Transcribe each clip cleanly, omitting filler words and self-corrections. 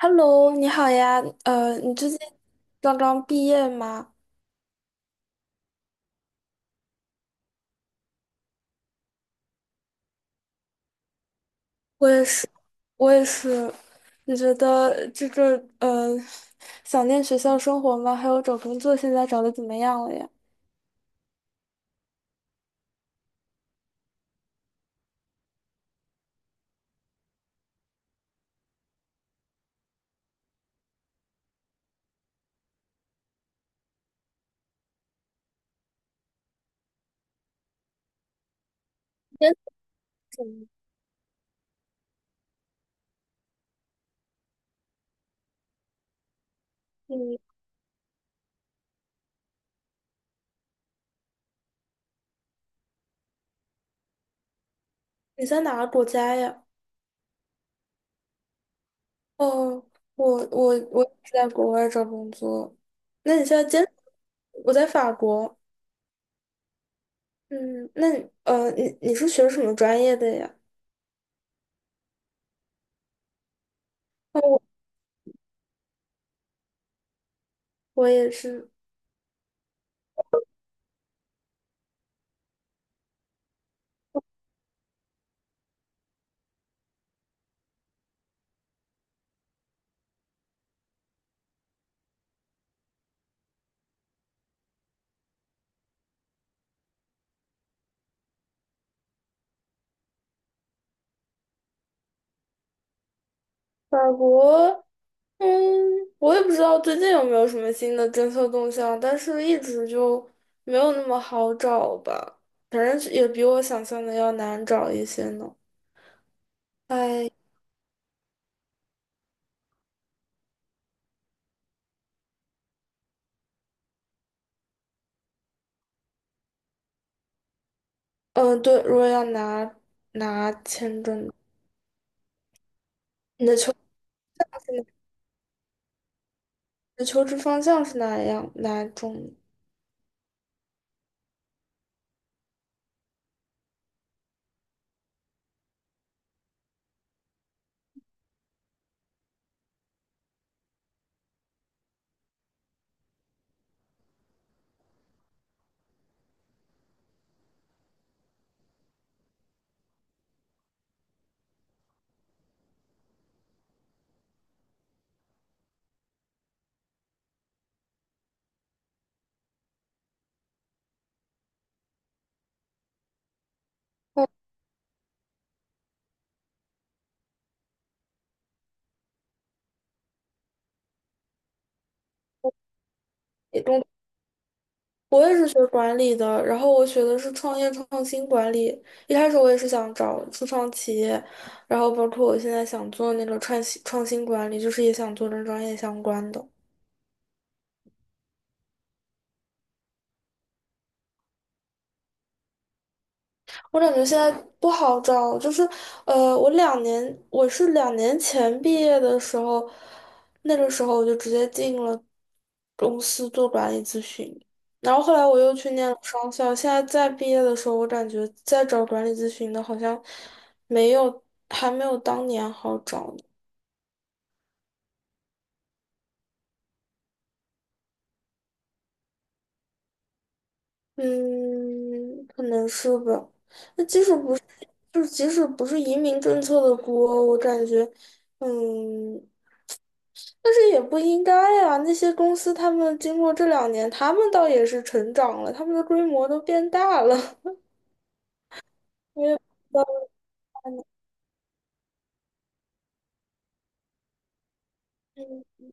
Hello，你好呀，你最近刚刚毕业吗？我也是，我也是。你觉得这个想念学校生活吗？还有找工作现在找的怎么样了呀？你在怎么嗯你在哪个国家呀？哦，我也是在国外找工作。那你现在兼，我在法国。嗯，那你你是学什么专业的呀？哦，我我也是法国。嗯，我也不知道最近有没有什么新的政策动向，但是一直就没有那么好找吧，反正也比我想象的要难找一些呢。哎，嗯，对，如果要拿拿签证，你的求职你的求职方向是哪样哪种？我也是学管理的，然后我学的是创业创新管理。一开始我也是想找初创企业，然后包括我现在想做那个创新管理，就是也想做跟专业相关的。我感觉现在不好找，就是，我两年，我是2年前毕业的时候，那个时候我就直接进了公司做管理咨询，然后后来我又去念了商校，现在再毕业的时候，我感觉再找管理咨询的好像没有，还没有当年好找呢。嗯，可能是吧。那即使不，就是即使不是移民政策的锅，我感觉，嗯。但是也不应该呀，那些公司他们经过这2年，他们倒也是成长了，他们的规模都变大了。我也不知道。嗯，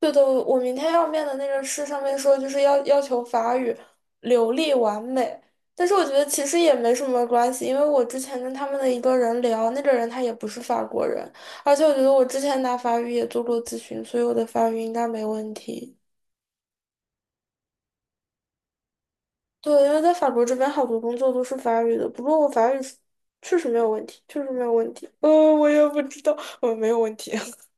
对的，我明天要面的那个试上面说就是要求法语流利完美，但是我觉得其实也没什么关系，因为我之前跟他们的一个人聊，那个人他也不是法国人，而且我觉得我之前拿法语也做过咨询，所以我的法语应该没问题。对，因为在法国这边好多工作都是法语的，不过我法语是确实没有问题，确实没有问题。我也不知道，我没有问题。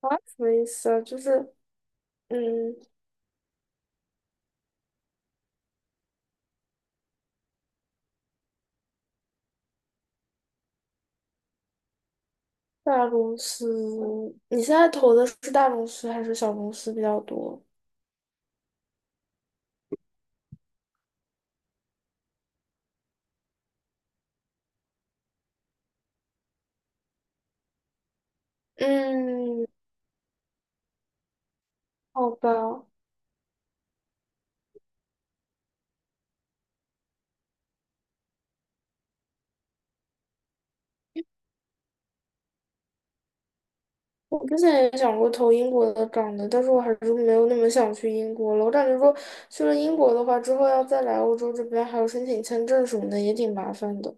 啊，什么意思啊？就是，嗯，大公司，你现在投的是大公司还是小公司比较多？嗯，好吧，我之前也想过投英国的岗的，但是我还是没有那么想去英国了。我感觉说去了英国的话，之后要再来欧洲这边，还有申请签证什么的，也挺麻烦的。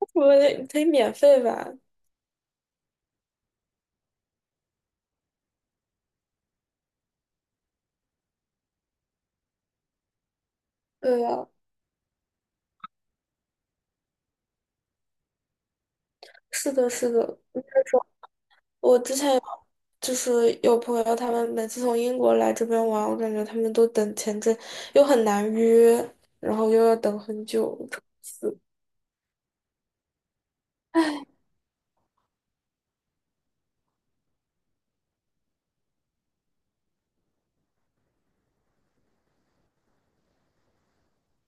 我得，可以免费吧？对呀，是的，是的。那种我之前有就是有朋友，他们每次从英国来这边玩，我感觉他们都等签证，又很难约，然后又要等很久。是，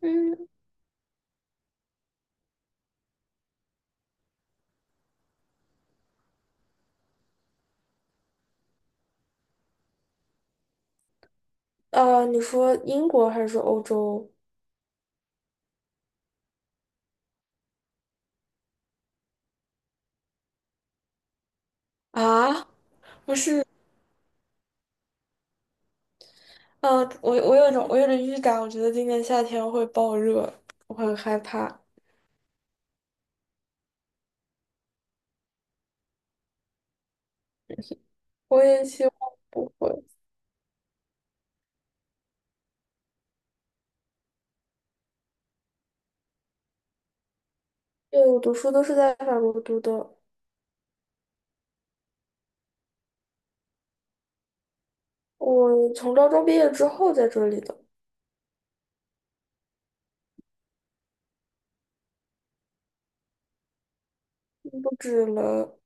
嗯，你说英国还是说欧洲啊？嗯、我有一种我有点预感，我觉得今年夏天会爆热，我很害怕。我也希望不会，因为我读书都是在法国读的，我从高中毕业之后在这里的，不止了。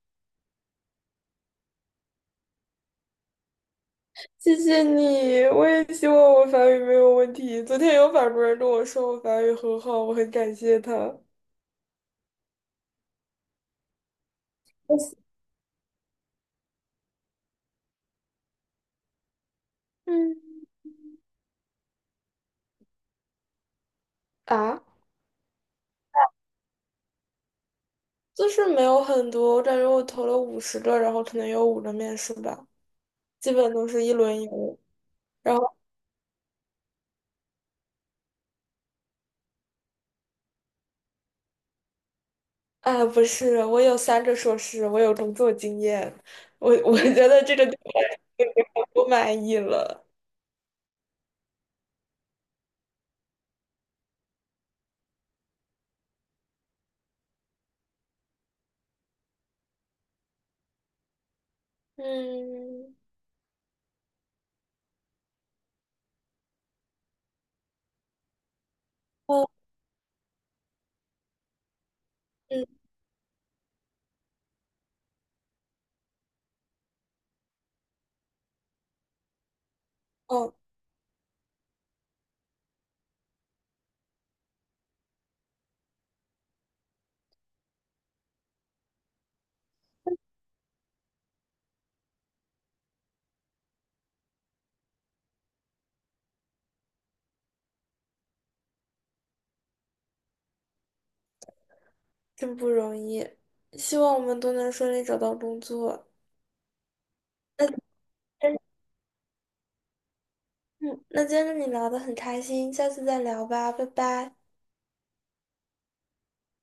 谢谢你，我也希望我法语没有问题。昨天有法国人跟我说我法语很好，我很感谢他。我喜嗯，啊，就是没有很多，我感觉我投了50个，然后可能有5个面试吧，基本都是一轮游。然后，哎，不是，我有3个硕士，我有工作经验，我觉得这个对我来说我不满意了。嗯，哦，嗯，哦，真不容易，希望我们都能顺利找到工作。那嗯，那今天跟你聊得很开心，下次再聊吧，拜拜。